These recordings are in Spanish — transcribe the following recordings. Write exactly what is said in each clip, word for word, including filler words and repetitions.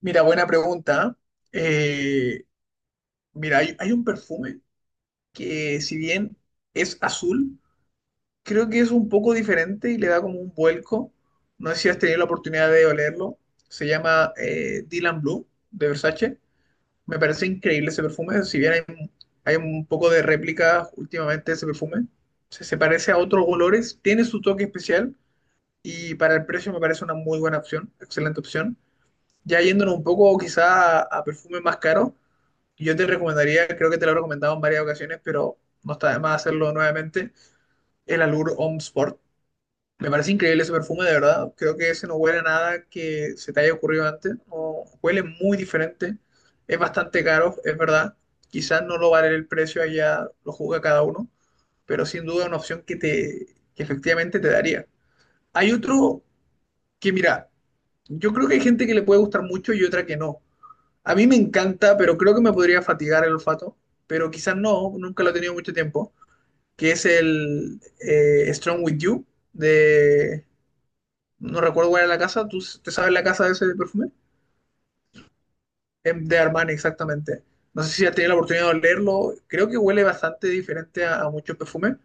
Mira, buena pregunta. Eh, mira, hay, hay un perfume que si bien es azul, creo que es un poco diferente y le da como un vuelco. No sé si has tenido la oportunidad de olerlo. Se llama eh, Dylan Blue de Versace. Me parece increíble ese perfume. Si bien hay, un- hay un poco de réplica últimamente de ese perfume, se, se parece a otros olores, tiene su toque especial y para el precio me parece una muy buena opción, excelente opción. Ya yéndonos un poco quizá a a perfumes más caros. Yo te recomendaría, creo que te lo he recomendado en varias ocasiones, pero no está de más hacerlo nuevamente, el Allure Homme Sport. Me parece increíble ese perfume, de verdad. Creo que ese no huele a nada que se te haya ocurrido antes. No, huele muy diferente. Es bastante caro, es verdad. Quizás no lo vale el precio, allá lo juzga cada uno, pero sin duda una opción que te, que efectivamente te daría. Hay otro que, mira, yo creo que hay gente que le puede gustar mucho y otra que no. A mí me encanta, pero creo que me podría fatigar el olfato, pero quizás no, nunca lo he tenido mucho tiempo, que es el eh, Strong With You de... No recuerdo cuál era la casa, ¿tú te sabes la casa de ese perfume? Em, De Armani, exactamente. No sé si has tenido la oportunidad de olerlo, creo que huele bastante diferente a, a muchos perfumes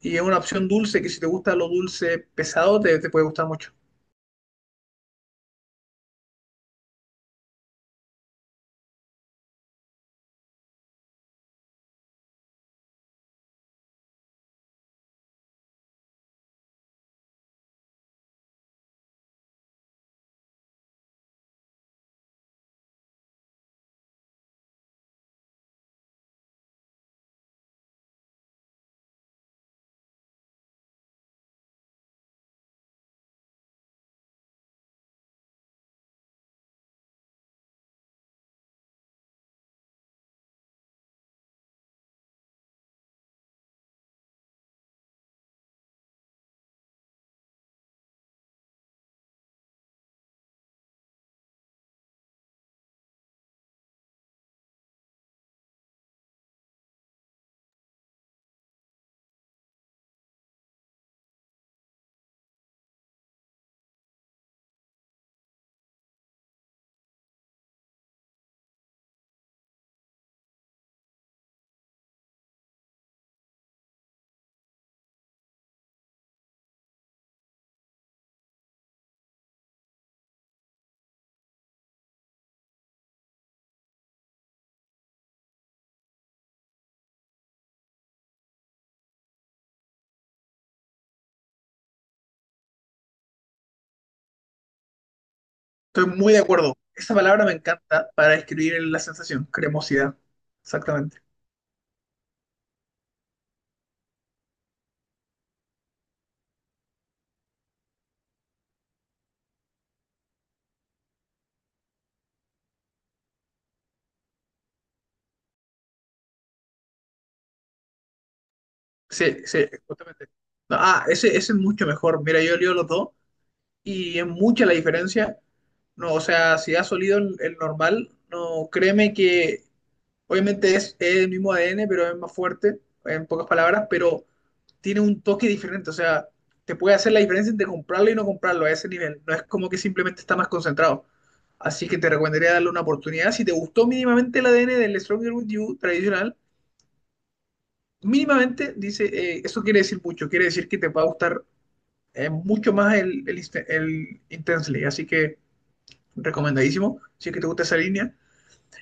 y es una opción dulce que si te gusta lo dulce pesado te, te puede gustar mucho. Estoy muy de acuerdo. Esa palabra me encanta para describir la sensación, cremosidad. Exactamente. Sí, sí, justamente. No, ah, ese, ese es mucho mejor. Mira, yo leo los dos y es mucha la diferencia. No, o sea, si has olido el, el normal, no, créeme que obviamente es, es el mismo A D N, pero es más fuerte, en pocas palabras, pero tiene un toque diferente. O sea, te puede hacer la diferencia entre comprarlo y no comprarlo a ese nivel. No es como que simplemente está más concentrado. Así que te recomendaría darle una oportunidad. Si te gustó mínimamente el A D N del Stronger With You tradicional, mínimamente dice, eh, eso quiere decir mucho, quiere decir que te va a gustar eh, mucho más el, el, inst- el Intensely, así que recomendadísimo, si es que te gusta esa línea.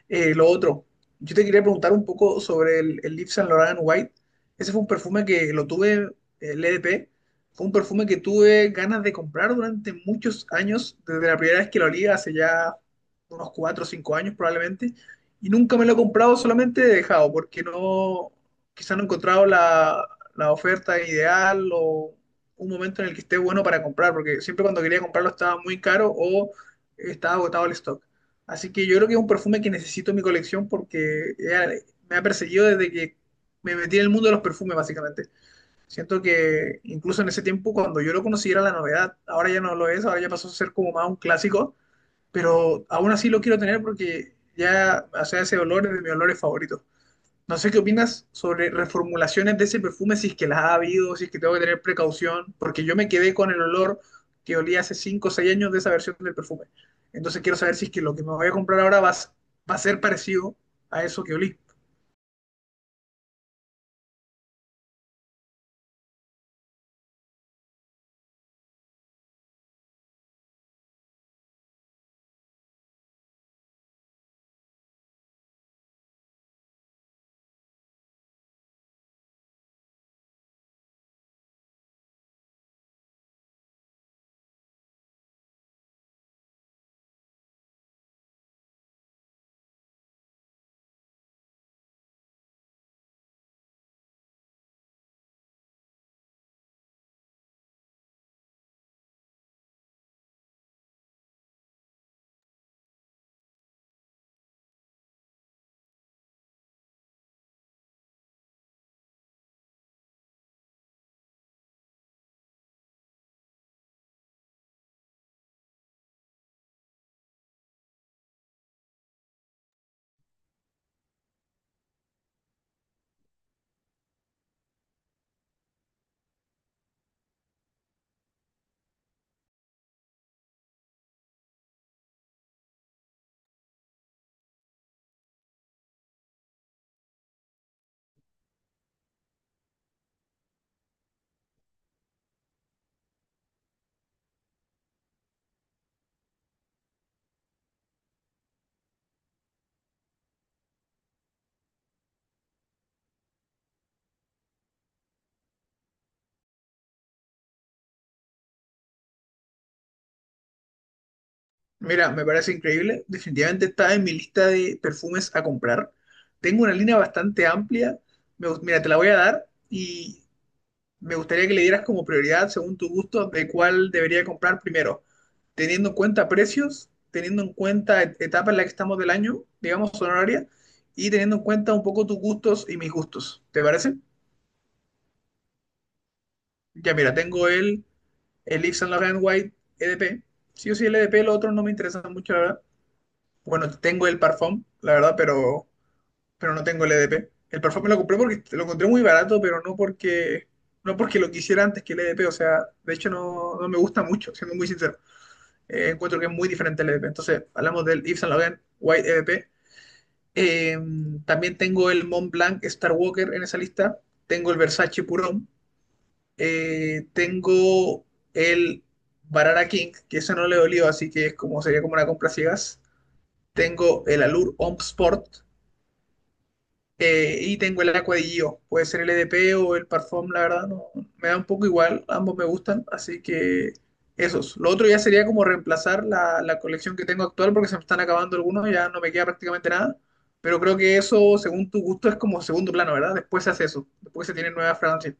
Eh, lo otro, yo te quería preguntar un poco sobre el, el Yves Saint Laurent White. Ese fue un perfume que lo tuve, el E D P, fue un perfume que tuve ganas de comprar durante muchos años, desde la primera vez que lo olí, hace ya unos cuatro o cinco años probablemente, y nunca me lo he comprado, solamente he dejado, porque no, quizá no he encontrado la, la oferta ideal o un momento en el que esté bueno para comprar, porque siempre cuando quería comprarlo estaba muy caro o estaba agotado el stock. Así que yo creo que es un perfume que necesito en mi colección porque eh, me ha perseguido desde que me metí en el mundo de los perfumes, básicamente. Siento que incluso en ese tiempo, cuando yo lo conocí, era la novedad. Ahora ya no lo es, ahora ya pasó a ser como más un clásico, pero aún así lo quiero tener porque ya, o sea, ese olor es de mis olores favoritos. No sé qué opinas sobre reformulaciones de ese perfume, si es que las ha habido, si es que tengo que tener precaución, porque yo me quedé con el olor que olía hace cinco o seis años de esa versión del perfume. Entonces quiero saber si es que lo que me voy a comprar ahora va, a s- va a ser parecido a eso que olí. Mira, me parece increíble. Definitivamente está en mi lista de perfumes a comprar. Tengo una línea bastante amplia. Me gust- mira, te la voy a dar y me gustaría que le dieras como prioridad, según tu gusto, de cuál debería comprar primero. Teniendo en cuenta precios, teniendo en cuenta et- etapa en la que estamos del año, digamos, horaria, y teniendo en cuenta un poco tus gustos y mis gustos. ¿Te parece? Ya mira, tengo el, el Yves Saint Laurent White E D P. Sí o sí, el E D P, los otros no me interesan mucho, la verdad. Bueno, tengo el Parfum, la verdad, pero, pero no tengo el E D P. El Parfum me lo compré porque lo encontré muy barato, pero no porque, no porque lo quisiera antes que el E D P. O sea, de hecho no, no me gusta mucho, siendo muy sincero. eh, encuentro que es muy diferente al E D P. Entonces, hablamos del Yves Saint Laurent White E D P. Eh, también tengo el Mont Blanc Star Walker en esa lista. Tengo el Versace Purón. Eh, tengo el Barara King, que ese no le dolió, así que es como, sería como una compra ciegas. Tengo el Allure Homme Sport. Eh, y tengo el Aqua de Gio. Puede ser el E D P o el Parfum, la verdad, no, me da un poco igual. Ambos me gustan, así que esos. Lo otro ya sería como reemplazar la, la colección que tengo actual porque se me están acabando algunos, ya no me queda prácticamente nada. Pero creo que eso, según tu gusto, es como segundo plano, ¿verdad? Después se hace eso, después se tienen nuevas fragancias.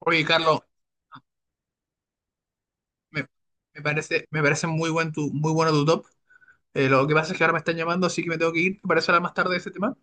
Oye, Carlos, me, me parece, me parece muy, buen tu, muy bueno tu top. Eh, lo que pasa es que ahora me están llamando, así que me tengo que ir. ¿Te parece hablar más tarde de ese tema?